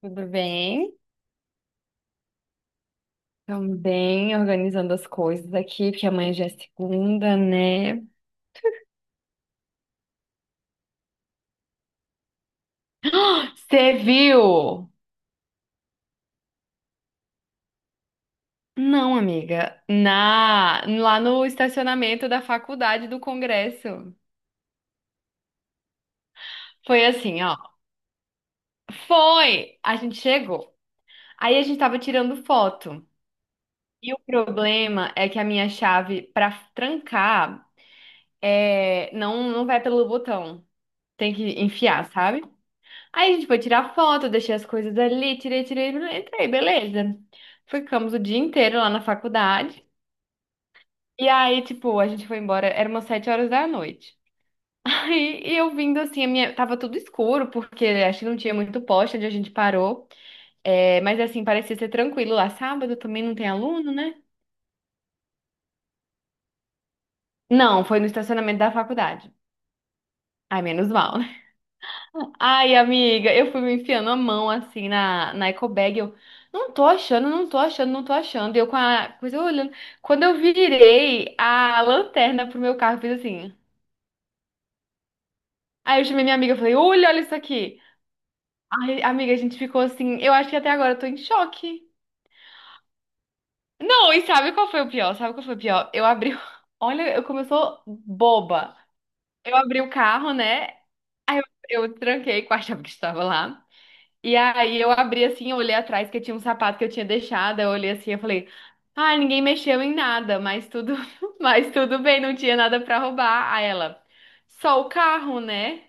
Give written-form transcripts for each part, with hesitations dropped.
Tudo bem? Também organizando as coisas aqui, porque amanhã já é segunda, né? Você viu? Não, amiga. Lá no estacionamento da faculdade do Congresso. Foi assim, ó. Foi! A gente chegou. Aí a gente tava tirando foto. E o problema é que a minha chave pra trancar não, não vai pelo botão. Tem que enfiar, sabe? Aí a gente foi tirar foto, eu deixei as coisas ali, tirei, tirei, entrei, beleza. Ficamos o dia inteiro lá na faculdade. E aí, tipo, a gente foi embora, era umas 7 horas da noite. Aí e eu vindo assim, tava tudo escuro, porque acho que não tinha muito poste onde a gente parou. É, mas assim, parecia ser tranquilo lá. Sábado também não tem aluno, né? Não, foi no estacionamento da faculdade. Ai, menos mal. Ai, amiga, eu fui me enfiando a mão assim na eco bag. Eu não tô achando, não tô achando, não tô achando. Eu com a coisa olhando. Quando eu virei a lanterna pro meu carro, eu fiz assim. Aí eu chamei minha amiga e falei: Olha, olha isso aqui. Ai, amiga, a gente ficou assim. Eu acho que até agora eu tô em choque. Não, e sabe qual foi o pior? Sabe qual foi o pior? Eu abri. Olha, eu começou boba. Eu abri o carro, né? Eu tranquei com a chave que estava lá. E aí eu abri assim, eu olhei atrás que tinha um sapato que eu tinha deixado, eu olhei assim, eu falei, ah, ninguém mexeu em nada, mas tudo bem, não tinha nada pra roubar. Aí ela, só o carro, né?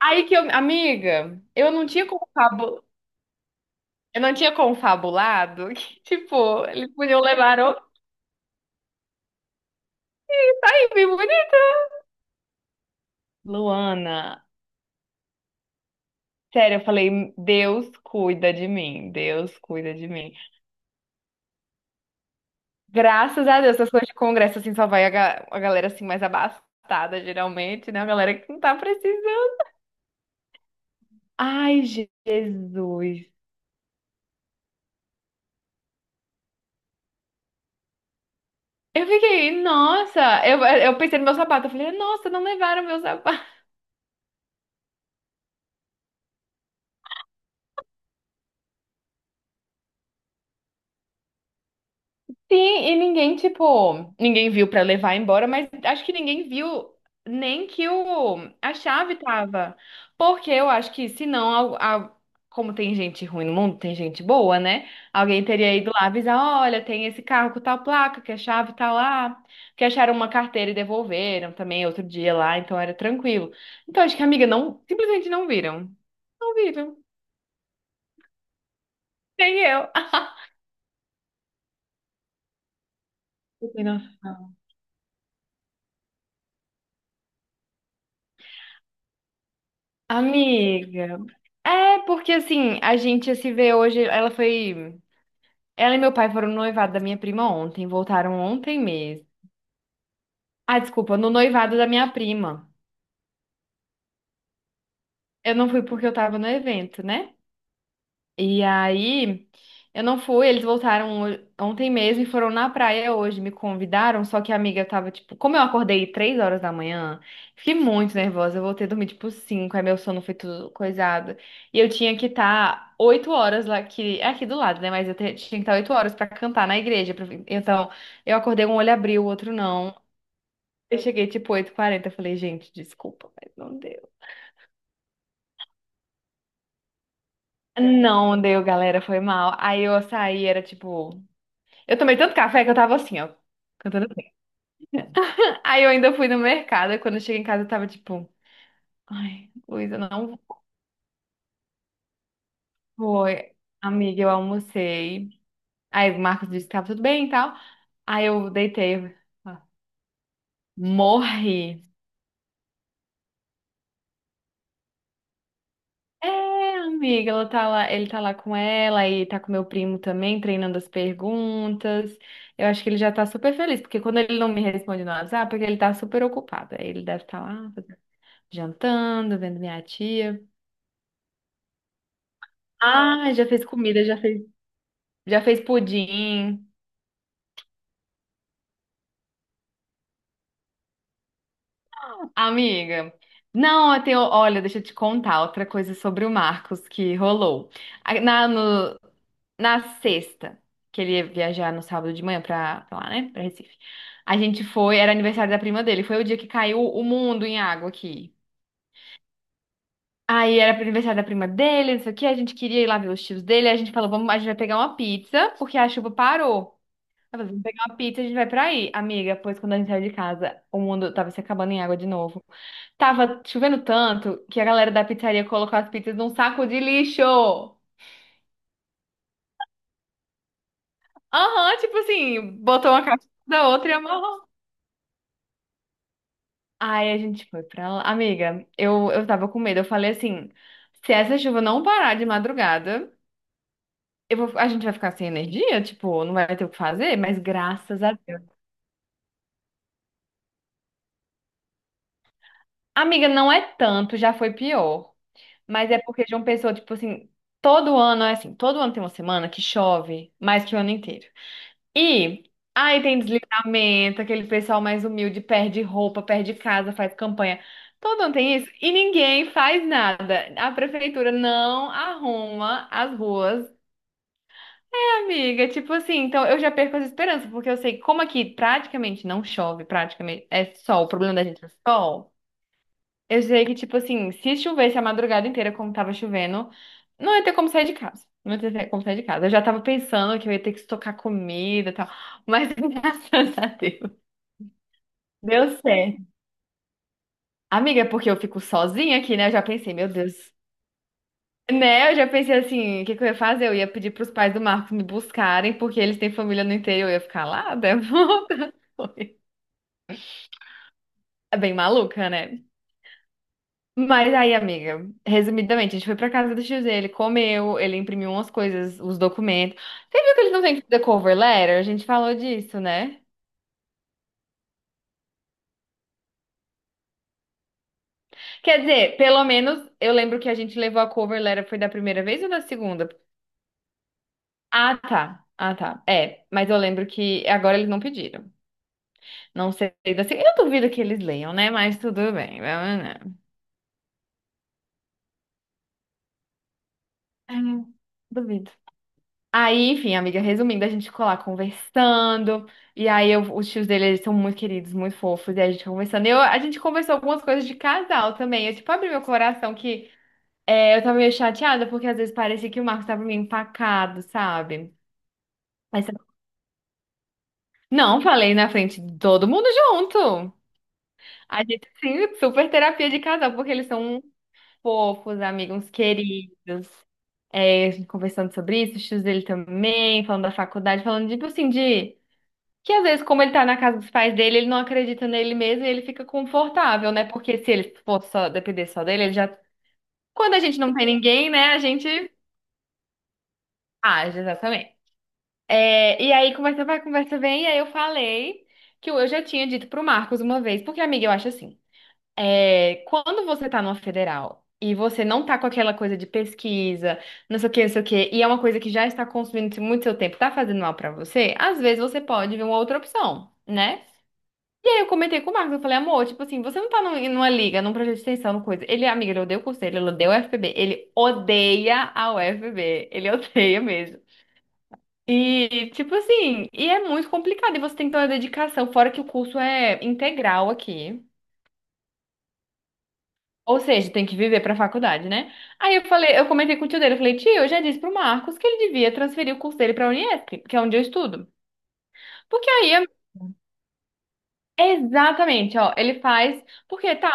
Aí que eu, amiga, eu não tinha confabulado que, tipo, eles podiam levar o bem bonito. Luana, sério, eu falei, Deus cuida de mim, Deus cuida de mim. Graças a Deus, essas coisas de congresso, assim, só vai a galera, assim, mais abastada, geralmente, né? A galera que não tá precisando. Ai, Jesus. Eu fiquei, nossa, eu pensei no meu sapato, eu falei, nossa, não levaram meu sapato. Sim, e ninguém, tipo, ninguém viu pra levar embora, mas acho que ninguém viu nem que a chave tava. Porque eu acho que se não, como tem gente ruim no mundo, tem gente boa, né? Alguém teria ido lá avisar, olha, tem esse carro com tal placa, que a chave tá lá. Que acharam uma carteira e devolveram também outro dia lá, então era tranquilo. Então acho que a amiga não, simplesmente não viram. Não viram. Nem eu. Eu falei, nossa, amiga. É, porque assim, a gente se vê hoje, ela foi. Ela e meu pai foram no noivado da minha prima ontem, voltaram ontem mesmo. Ah, desculpa, no noivado da minha prima. Eu não fui porque eu tava no evento, né? E aí, eu não fui, eles voltaram ontem mesmo e foram na praia hoje, me convidaram, só que a amiga tava, tipo, como eu acordei 3 horas da manhã, fiquei muito nervosa, eu voltei a dormir, tipo, cinco, aí meu sono foi tudo coisado, e eu tinha que estar 8 horas lá, que é aqui do lado, né, mas eu tinha que estar oito horas pra cantar na igreja, pra- então, eu acordei, um olho abriu, o outro não, eu cheguei, tipo, oito h 40 eu falei, gente, desculpa, mas não deu. Não deu, galera, foi mal. Aí eu saí, era tipo. Eu tomei tanto café que eu tava assim, ó, cantando assim. Aí eu ainda fui no mercado, e quando eu cheguei em casa eu tava tipo, ai, Luísa, não foi. Amiga, eu almocei. Aí o Marcos disse que tava tudo bem e tal. Aí eu deitei, ó, morri. É, amiga, ela tá lá, ele tá lá com ela e tá com meu primo também, treinando as perguntas. Eu acho que ele já tá super feliz, porque quando ele não me responde no WhatsApp, é que ele tá super ocupado. Aí ele deve estar lá jantando, vendo minha tia. Ah, já fez comida, já fez pudim. Amiga, não, eu tenho, olha, deixa eu te contar outra coisa sobre o Marcos que rolou. A- Na, no- Na sexta, que ele ia viajar no sábado de manhã pra lá, né, pra Recife. A gente foi, era aniversário da prima dele, foi o dia que caiu o mundo em água aqui. Aí era pro aniversário da prima dele, não sei o que. A gente queria ir lá ver os tios dele, aí a gente falou, vamos, a gente vai pegar uma pizza, porque a chuva parou. Ela, falou, vamos pegar uma pizza e a gente vai pra aí, amiga. Pois quando a gente saiu de casa, o mundo tava se acabando em água de novo. Tava chovendo tanto que a galera da pizzaria colocou as pizzas num saco de lixo. Aham, tipo assim, botou uma caixa da outra e amarrou. Aí a gente foi pra lá. Amiga, eu tava com medo. Eu falei assim: se essa chuva não parar de madrugada, a gente vai ficar sem energia, tipo, não vai ter o que fazer, mas graças a Deus. Amiga, não é tanto, já foi pior. Mas é porque João Pessoa, tipo assim, todo ano é assim, todo ano tem uma semana que chove mais que o ano inteiro. E aí tem deslizamento, aquele pessoal mais humilde perde roupa, perde casa, faz campanha. Todo ano tem isso e ninguém faz nada. A prefeitura não arruma as ruas. Amiga, tipo assim, então eu já perco as esperanças, porque eu sei que como aqui praticamente não chove, praticamente é sol, o problema da gente é sol. Eu sei que, tipo assim, se chovesse a madrugada inteira, como tava chovendo, não ia ter como sair de casa. Não ia ter como sair de casa. Eu já tava pensando que eu ia ter que estocar comida e tal. Mas graças a Deus. Deu certo. Amiga, é porque eu fico sozinha aqui, né? Eu já pensei, meu Deus. Né? Eu já pensei assim, o que que eu ia fazer? Eu ia pedir pros pais do Marcos me buscarem, porque eles têm família no interior. Eu ia ficar lá, né? É bem maluca, né? Mas aí, amiga, resumidamente, a gente foi pra casa do tio Z, ele comeu, ele imprimiu umas coisas, os documentos. Você viu que eles não têm que fazer cover letter? A gente falou disso, né? Quer dizer, pelo menos eu lembro que a gente levou a cover letter, foi da primeira vez ou da segunda? Ah, tá. Ah, tá. É, mas eu lembro que agora eles não pediram. Não sei da segunda. Eu duvido que eles leiam, né? Mas tudo bem. Vamos lá. Ah, duvido. Aí, enfim, amiga, resumindo, a gente ficou lá conversando, e aí os tios dele, eles são muito queridos, muito fofos, e a gente conversando. Eu, a gente conversou algumas coisas de casal também. Eu, tipo, abri meu coração que eu tava meio chateada, porque às vezes parecia que o Marcos tava meio empacado, sabe? Mas, não, falei na frente de todo mundo junto. A gente, sim, super terapia de casal, porque eles são uns fofos, amigos uns queridos. É, a gente conversando sobre isso, os tios dele também, falando da faculdade, falando, tipo assim, de. Que às vezes, como ele tá na casa dos pais dele, ele não acredita nele mesmo e ele fica confortável, né? Porque se ele for só depender só dele, ele já. Quando a gente não tem ninguém, né? A gente age, exatamente. É, e aí, conversa vai, conversa vem, e aí eu falei que eu já tinha dito pro Marcos uma vez, porque, amiga, eu acho assim, quando você tá numa federal e você não tá com aquela coisa de pesquisa, não sei o que, não sei o que, e é uma coisa que já está consumindo muito seu tempo, tá fazendo mal pra você, às vezes você pode ver uma outra opção, né? E aí eu comentei com o Marcos, eu falei, amor, tipo assim, você não tá numa liga, num projeto de extensão, numa coisa. Ele, amiga, ele odeia o curso dele, ele odeia o UFPB, ele odeia a UFPB, ele odeia mesmo. E, tipo assim, e é muito complicado, e você tem que ter uma dedicação, fora que o curso é integral aqui. Ou seja, tem que viver pra faculdade, né? Aí eu falei, eu comentei com o tio dele, eu falei, tio, eu já disse pro Marcos que ele devia transferir o curso dele pra Unesp que é onde eu estudo. Porque aí, exatamente, ó, ele faz. Porque, tá,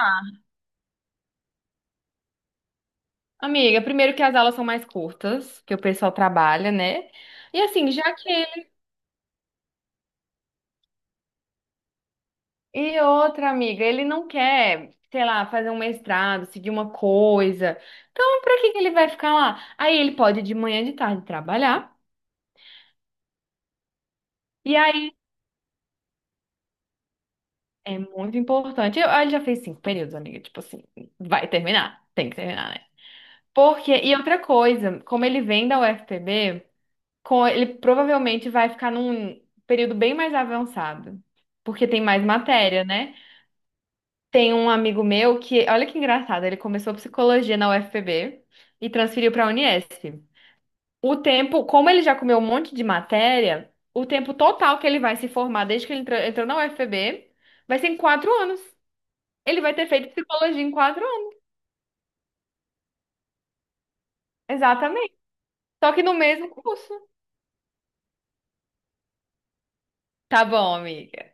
amiga, primeiro que as aulas são mais curtas, que o pessoal trabalha, né? E assim, já que ele... E outra, amiga, ele não quer, sei lá, fazer um mestrado, seguir uma coisa. Então, pra que que ele vai ficar lá? Aí ele pode ir de manhã e de tarde trabalhar. E aí é muito importante. Eu, ele já fez 5 períodos, amiga. Tipo assim, vai terminar. Tem que terminar, né? Porque, e outra coisa, como ele vem da UFPB, com, ele provavelmente vai ficar num período bem mais avançado. Porque tem mais matéria, né? Tem um amigo meu que, olha que engraçado, ele começou psicologia na UFPB e transferiu para a Unesp. O tempo, como ele já comeu um monte de matéria, o tempo total que ele vai se formar desde que ele entrou, entrou na UFPB vai ser em 4 anos. Ele vai ter feito psicologia em 4 anos. Exatamente. Só que no mesmo curso. Tá bom, amiga.